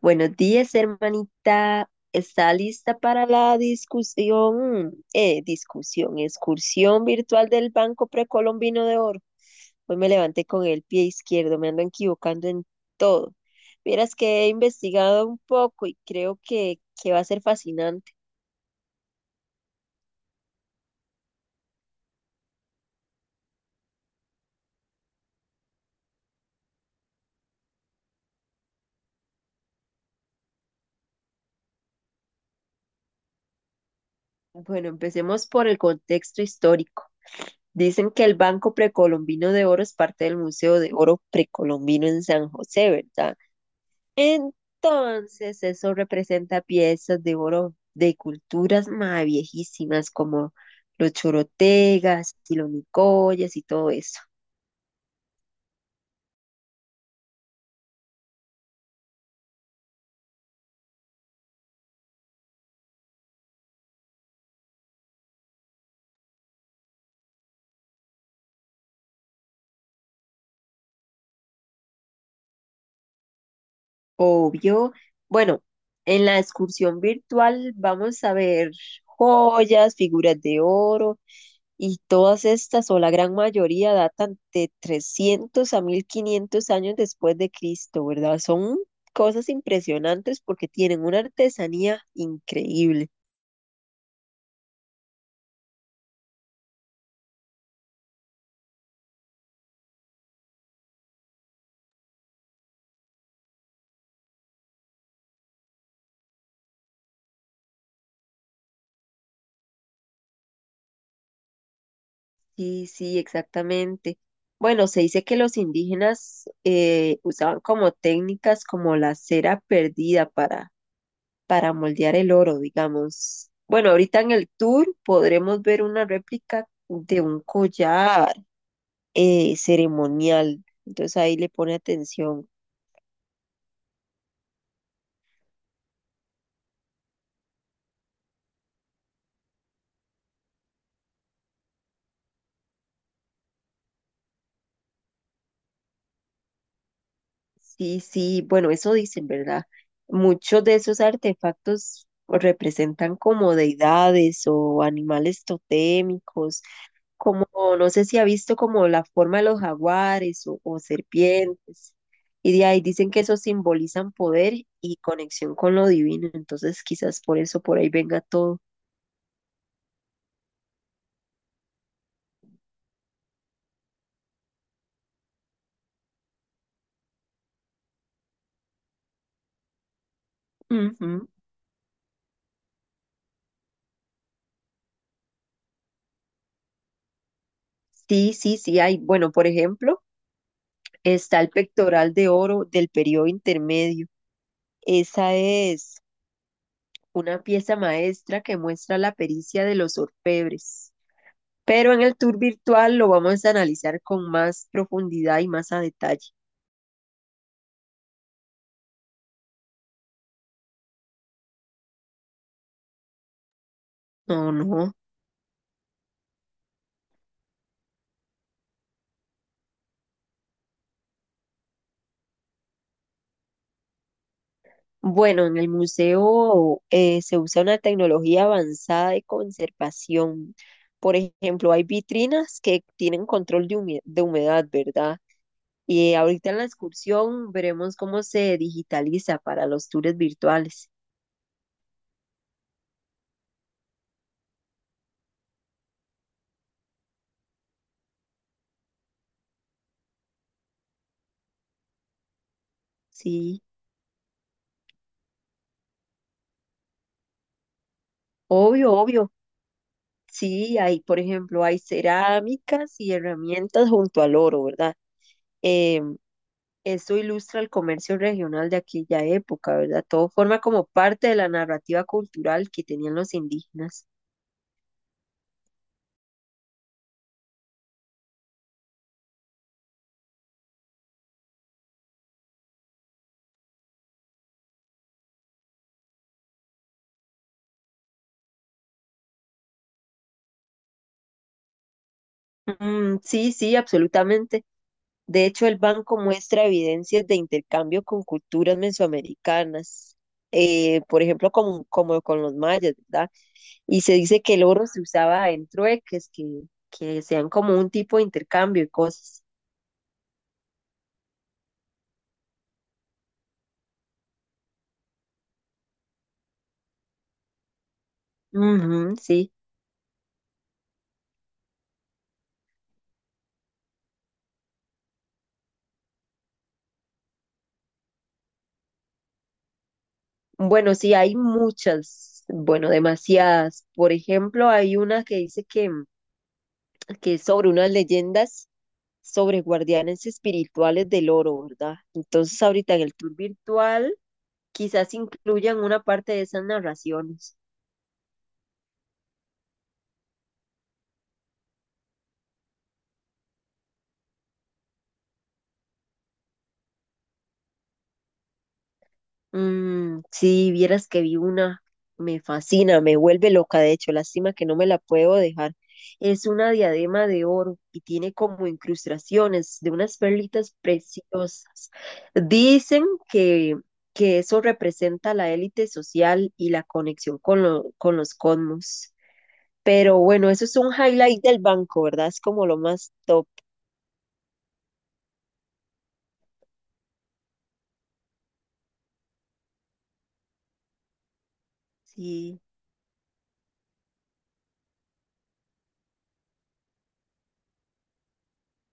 Buenos días, hermanita. ¿Está lista para la excursión virtual del Banco Precolombino de Oro? Hoy me levanté con el pie izquierdo, me ando equivocando en todo. Vieras que he investigado un poco y creo que va a ser fascinante. Bueno, empecemos por el contexto histórico. Dicen que el Banco Precolombino de Oro es parte del Museo de Oro Precolombino en San José, ¿verdad? Entonces, eso representa piezas de oro de culturas más viejísimas como los chorotegas y los nicoyas y todo eso. Obvio. Bueno, en la excursión virtual vamos a ver joyas, figuras de oro y todas estas o la gran mayoría datan de 300 a 1500 años después de Cristo, ¿verdad? Son cosas impresionantes porque tienen una artesanía increíble. Sí, sí, exactamente. Bueno, se dice que los indígenas usaban como técnicas como la cera perdida para moldear el oro, digamos. Bueno, ahorita en el tour podremos ver una réplica de un collar ceremonial. Entonces ahí le pone atención. Sí, sí, bueno, eso dicen, ¿verdad? Muchos de esos artefactos representan como deidades o animales totémicos como no sé si ha visto como la forma de los jaguares o serpientes, y de ahí dicen que eso simbolizan poder y conexión con lo divino, entonces quizás por eso por ahí venga todo. Ujú. Sí, sí, sí, hay, bueno, por ejemplo, está el pectoral de oro del periodo intermedio. Esa es una pieza maestra que muestra la pericia de los orfebres, pero en el tour virtual lo vamos a analizar con más profundidad y más a detalle. No, no. Bueno, en el museo se usa una tecnología avanzada de conservación. Por ejemplo, hay vitrinas que tienen control de de humedad, ¿verdad? Y ahorita en la excursión veremos cómo se digitaliza para los tours virtuales. Sí, obvio, obvio. Sí, hay, por ejemplo, hay cerámicas y herramientas junto al oro, ¿verdad? Em, Esto ilustra el comercio regional de aquella época, ¿verdad? Todo forma como parte de la narrativa cultural que tenían los indígenas. Mm, sí, sí, absolutamente. De hecho, el banco muestra evidencias de intercambio con culturas mesoamericanas, por ejemplo, como con los mayas, ¿verdad? Y se dice que el oro se usaba en trueques, que sean como un tipo de intercambio y cosas. Ujú, sí. Bueno, sí, hay muchas, bueno, demasiadas. Por ejemplo, hay una que dice que es sobre unas leyendas sobre guardianes espirituales del oro, ¿verdad? Entonces, ahorita en el tour virtual quizás incluyan una parte de esas narraciones. Mm, sí, vieras que vi una, me fascina, me vuelve loca, de hecho, lástima que no me la puedo dejar. Es una diadema de oro y tiene como incrustaciones de unas perlitas preciosas. Dicen que, que eso representa la élite social y la conexión con, lo- con los cosmos. Pero bueno, eso es un highlight del banco, ¿verdad? Es como lo más top. Sí.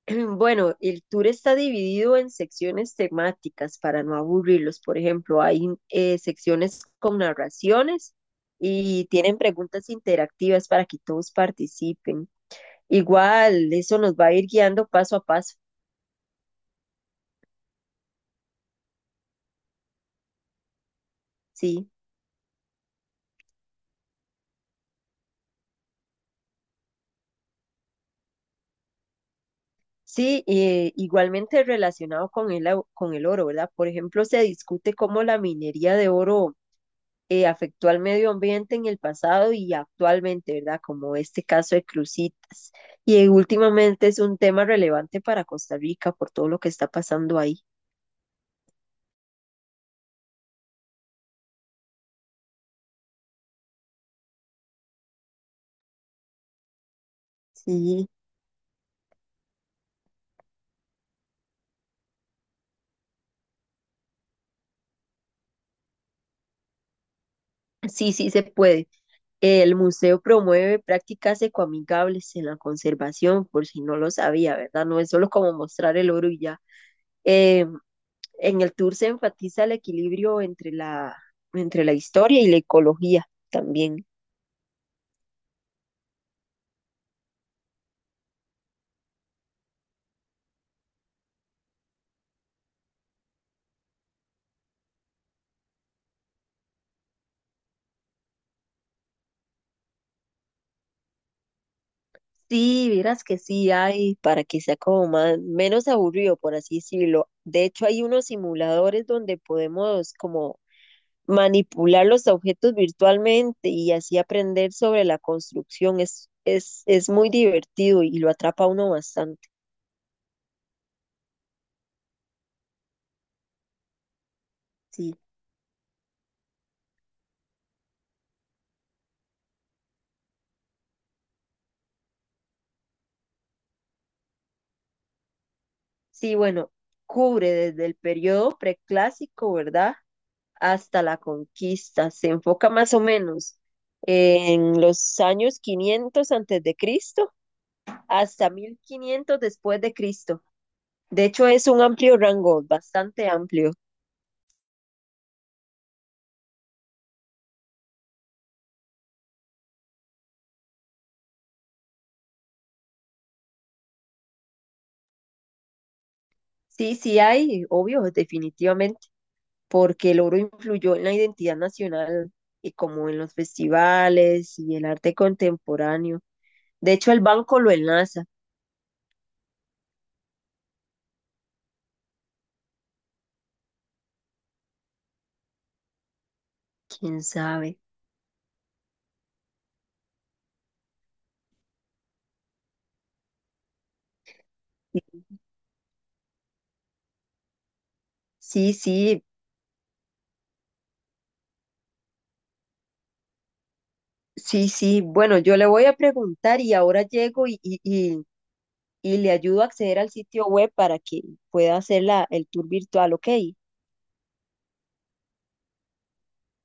Bueno, el tour está dividido en secciones temáticas para no aburrirlos. Por ejemplo, hay secciones con narraciones y tienen preguntas interactivas para que todos participen. Igual, eso nos va a ir guiando paso a paso. Sí, sí, igualmente relacionado con el oro, ¿verdad? Por ejemplo, se discute cómo la minería de oro afectó al medio ambiente en el pasado y actualmente, ¿verdad? Como este caso de Cruzitas. Y últimamente es un tema relevante para Costa Rica por todo lo que está pasando ahí. Sí, sí, sí se puede. El museo promueve prácticas ecoamigables en la conservación, por si no lo sabía, ¿verdad? No es solo como mostrar el oro y ya. Eh, en el tour se enfatiza el equilibrio entre la historia y la ecología también. Sí, vieras que sí hay para que sea como más, menos aburrido, por así decirlo. De hecho, hay unos simuladores donde podemos como manipular los objetos virtualmente y así aprender sobre la construcción. Es muy divertido y lo atrapa a uno bastante. Sí, sí, bueno, cubre desde el periodo preclásico, ¿verdad? Hasta la conquista. Se enfoca más o menos en los años 500 antes de Cristo hasta 1500 después de Cristo. De hecho, es un amplio rango, bastante amplio. Sí, sí hay, obvio, definitivamente, porque el oro influyó en la identidad nacional y como en los festivales y el arte contemporáneo. De hecho, el banco lo enlaza, quién sabe. Sí, sí, sí, sí. Bueno, yo le voy a preguntar y ahora llego y le ayudo a acceder al sitio web para que pueda hacer el tour virtual, ¿ok?